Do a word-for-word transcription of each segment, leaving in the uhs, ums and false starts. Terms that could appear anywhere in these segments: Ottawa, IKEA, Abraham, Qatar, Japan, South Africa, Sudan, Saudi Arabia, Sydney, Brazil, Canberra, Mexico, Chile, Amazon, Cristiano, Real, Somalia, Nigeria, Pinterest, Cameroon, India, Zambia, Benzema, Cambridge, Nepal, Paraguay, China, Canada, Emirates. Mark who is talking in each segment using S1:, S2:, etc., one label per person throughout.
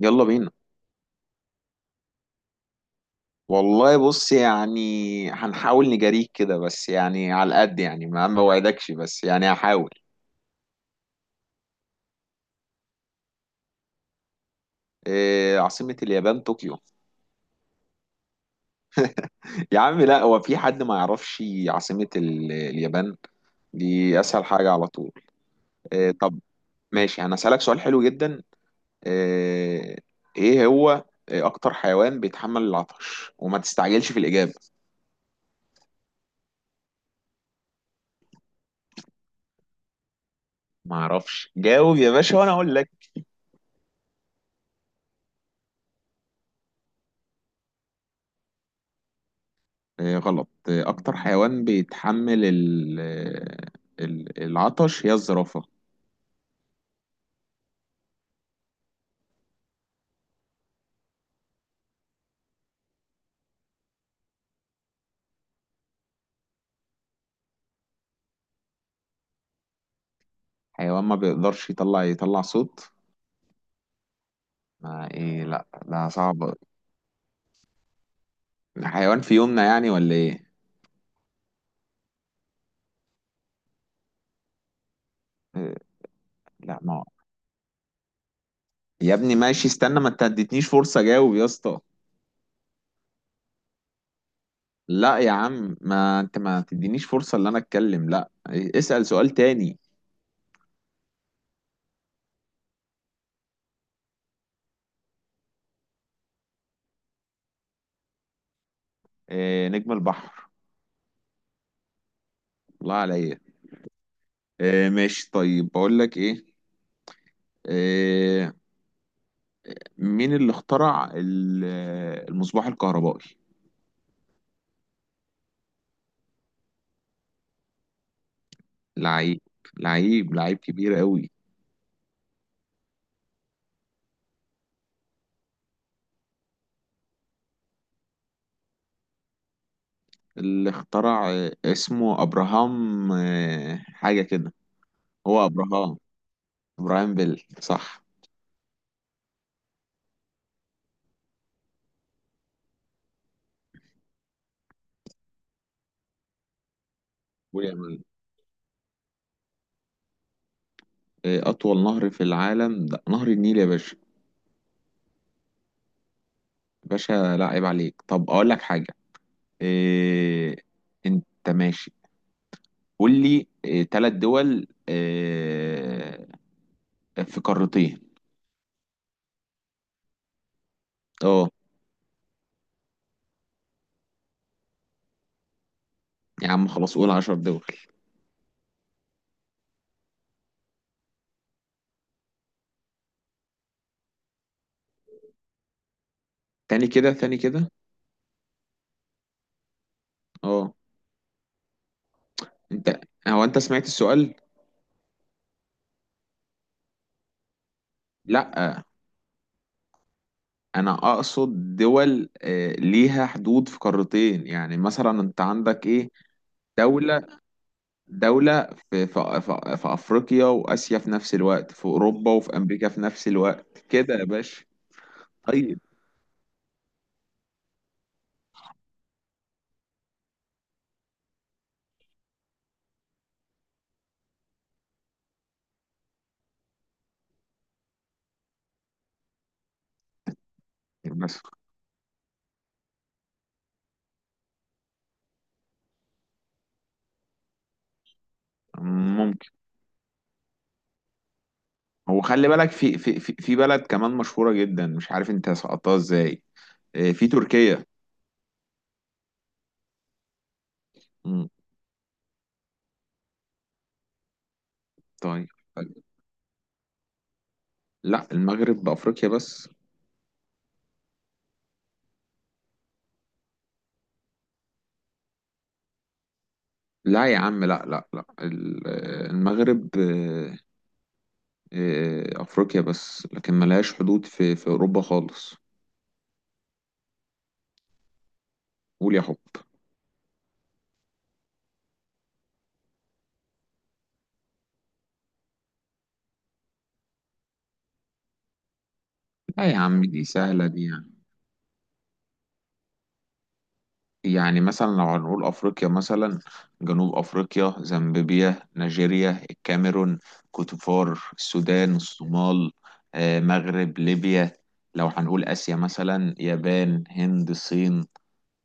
S1: يلا بينا. والله بص، يعني هنحاول نجاريك كده، بس يعني على القد، يعني ما ما وعدكش، بس يعني هحاول. إيه عاصمة اليابان؟ طوكيو. يا عم لا، هو في حد ما يعرفش عاصمة ال- اليابان؟ دي أسهل حاجة على طول. إيه طب؟ ماشي، أنا أسألك سؤال حلو جدا. إيه؟ إيه هو أكتر حيوان بيتحمل العطش؟ وما تستعجلش في الإجابة. ما أعرفش، جاوب يا باشا وأنا أقول لك. آه، غلط آه، أكتر حيوان بيتحمل ال- آه، ال- العطش هي الزرافة. حيوان ما بيقدرش يطلع يطلع صوت؟ ما إيه، لأ ده صعب. حيوان في يومنا يعني ولا إيه؟ آه، لأ ما يا ابني ماشي، استنى، ما أنت اديتنيش فرصة أجاوب يا اسطى. لأ يا عم، ما أنت ما تدينيش فرصة إن أنا أتكلم، لأ إيه، اسأل سؤال تاني. آه، نجم البحر. الله عليا. آه، ماشي طيب، بقول لك إيه. آه، مين اللي اخترع ال- المصباح الكهربائي؟ لعيب، لعيب لعيب كبير قوي. اللي اخترع آه، اسمه ابراهام، آه، حاجة كده. هو ابراهام، ابراهام بيل، صح. ويعمل آه، اطول نهر في العالم ده نهر النيل يا باشا. باشا لا عيب عليك. طب اقول لك حاجة. إيه... انت ماشي؟ قول لي إيه... تلات دول إيه... في قارتين. اه. يا عم خلاص، قول عشر دول. تاني كده، تاني كده. اه. انت، هو انت سمعت السؤال؟ لا، انا اقصد دول آه، ليها حدود في قارتين، يعني مثلا انت عندك ايه؟ دولة، دولة في في في في افريقيا واسيا في نفس الوقت، في اوروبا وفي امريكا في نفس الوقت، كده يا باشا. طيب، مثلا ممكن. هو خلي بالك في في في في بلد كمان مشهورة جدا، مش عارف انت سقطتها ازاي. آه، في تركيا. مم، طيب. طيب. لا، المغرب بافريقيا بس. لا يا عم، لا لا لا، ال- المغرب آه، آه، أفريقيا بس، لكن ملهاش حدود في في أوروبا خالص. قول يا حب. لا يا عم، دي سهلة دي يعني. يعني مثلا لو هنقول أفريقيا مثلا، جنوب أفريقيا، زامبيا، نيجيريا، الكاميرون، كوتيفوار، السودان، الصومال، آه، مغرب، ليبيا. لو هنقول آسيا مثلا، يابان، هند، الصين،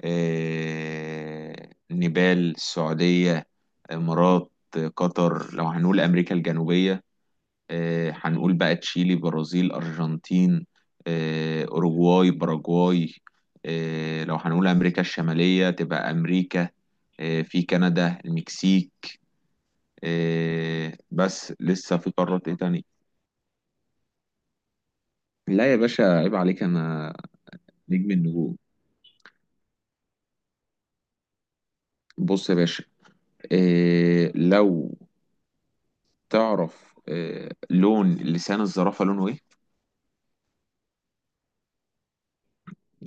S1: آه، نيبال، السعودية، إمارات، قطر. لو هنقول أمريكا الجنوبية، آه، هنقول بقى تشيلي، برازيل، أرجنتين، آه، أوروغواي، باراجواي. آه، لو هنقول أمريكا الشمالية، تبقى أمريكا، آه، في كندا، المكسيك. آه، بس لسه في قارات إيه تاني. لا يا باشا عيب عليك أنا، نجم النجوم. بص يا باشا، آه، لو تعرف آه، لون لسان الزرافة لونه ايه؟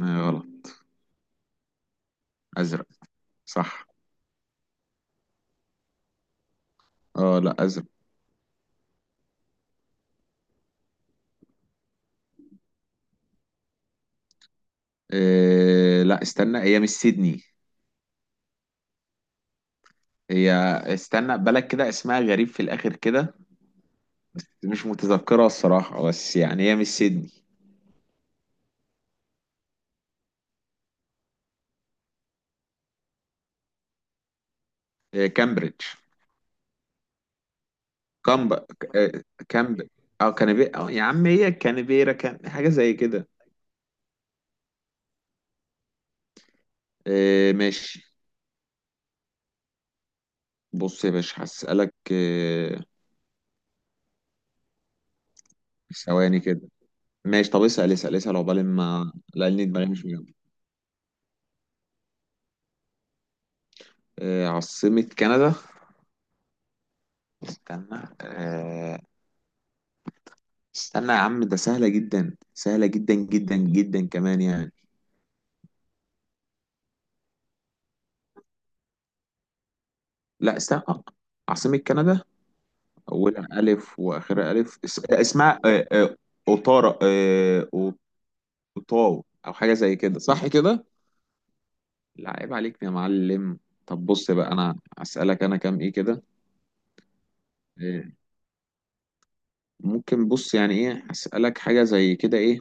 S1: آه غلط. ازرق، صح. اه لا، ازرق. آه لا، استنى، هي مش سيدني. هي، استنى، بلد كده اسمها غريب في الاخر كده، مش متذكرها الصراحة، بس يعني هي مش سيدني. آه، كامبريدج. كامب آه كامب او كانبي، أو يا عم هي كانبيرا، كان حاجة زي كده. آه ماشي. بص يا باشا هسألك آه، ثواني كده. ماشي، طب اسأل اسأل اسأل، عقبال ما، لأن دماغي مش مجمع. آه، عاصمة كندا، استنى آه، استنى يا عم، ده سهلة جدا، سهلة جدا جدا جدا كمان يعني. لا استنى آه، عاصمة كندا، أولها ألف وآخرها ألف، اس- آه، اسمها آه، آه، أوتارا آه، أو- أوتاو، أو حاجة زي كده، صح كده؟ لا عيب عليك يا معلم. طب بص بقى، أنا أسألك أنا، كام إيه كده. آه، ممكن بص يعني، إيه أسألك حاجة زي كده إيه.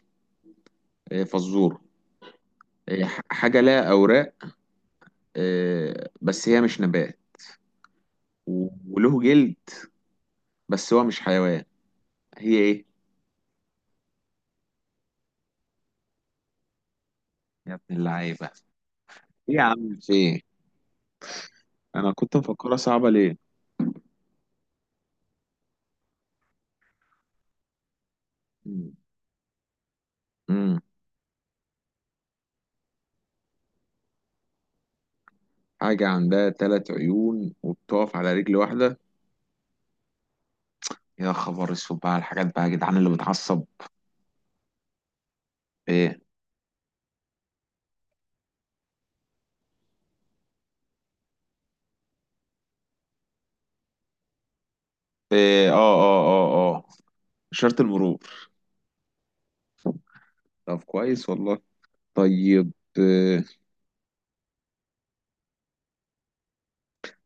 S1: آه، فزور. آه، ح- حاجة لها أوراق، آه، بس هي مش نبات، وله جلد بس هو مش حيوان، هي ايه؟ يا ابن اللعيبه. ايه يا عم، في ايه؟ انا كنت مفكرها صعبه ليه. مم. مم. حاجه عندها ثلاث عيون وبتقف على رجل واحده. يا خبر اسود بقى على الحاجات بقى يا جدعان اللي بتعصب. ايه، ايه اه اه اه اه اشاره المرور. طب كويس والله. طيب، آه،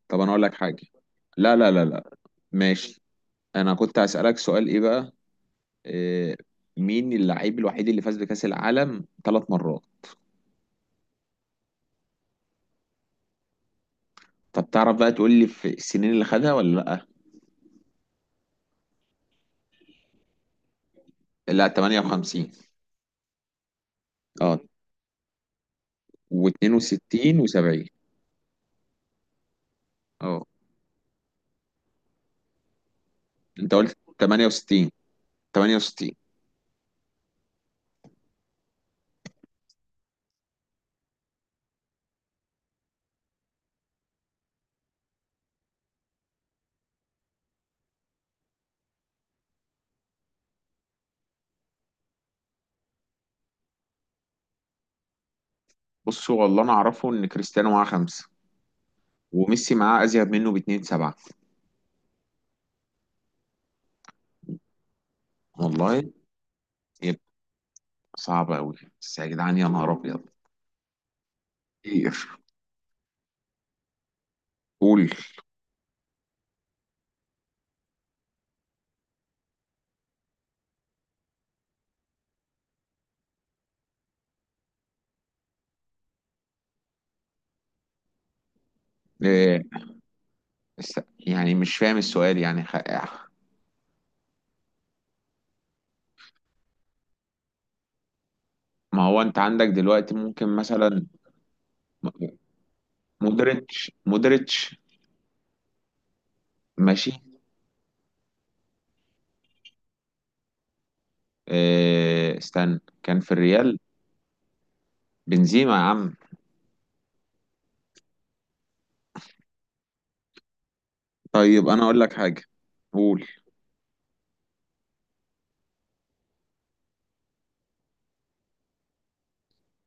S1: طب انا اقول لك حاجه. لا لا لا لا، ماشي. انا كنت هسألك سؤال ايه بقى. آه، مين اللعيب الوحيد اللي فاز بكأس العالم ثلاث مرات؟ طب تعرف بقى تقول لي في السنين اللي خدها ولا؟ لا لا، تمانية وخمسين. اه، و62 و70. اه. انت قلت تمانية وستين. تمانية وستين. بص والله انا اعرفه ان كريستيانو معاه خمسة، وميسي معاه ازيد منه باتنين، سبعة. والله. يبقى صعب قوي بس، يا جدعان يا نهار ابيض كتير. قول. إيه. بس يعني مش فاهم السؤال، يعني خ... ما هو انت عندك دلوقتي ممكن مثلا مودريتش مودريتش. ماشي. إيه. استنى كان في الريال. بنزيما يا عم. طيب انا اقول لك حاجه. قول.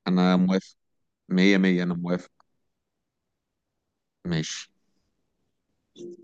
S1: انا موافق. مية مية، انا موافق. ماشي.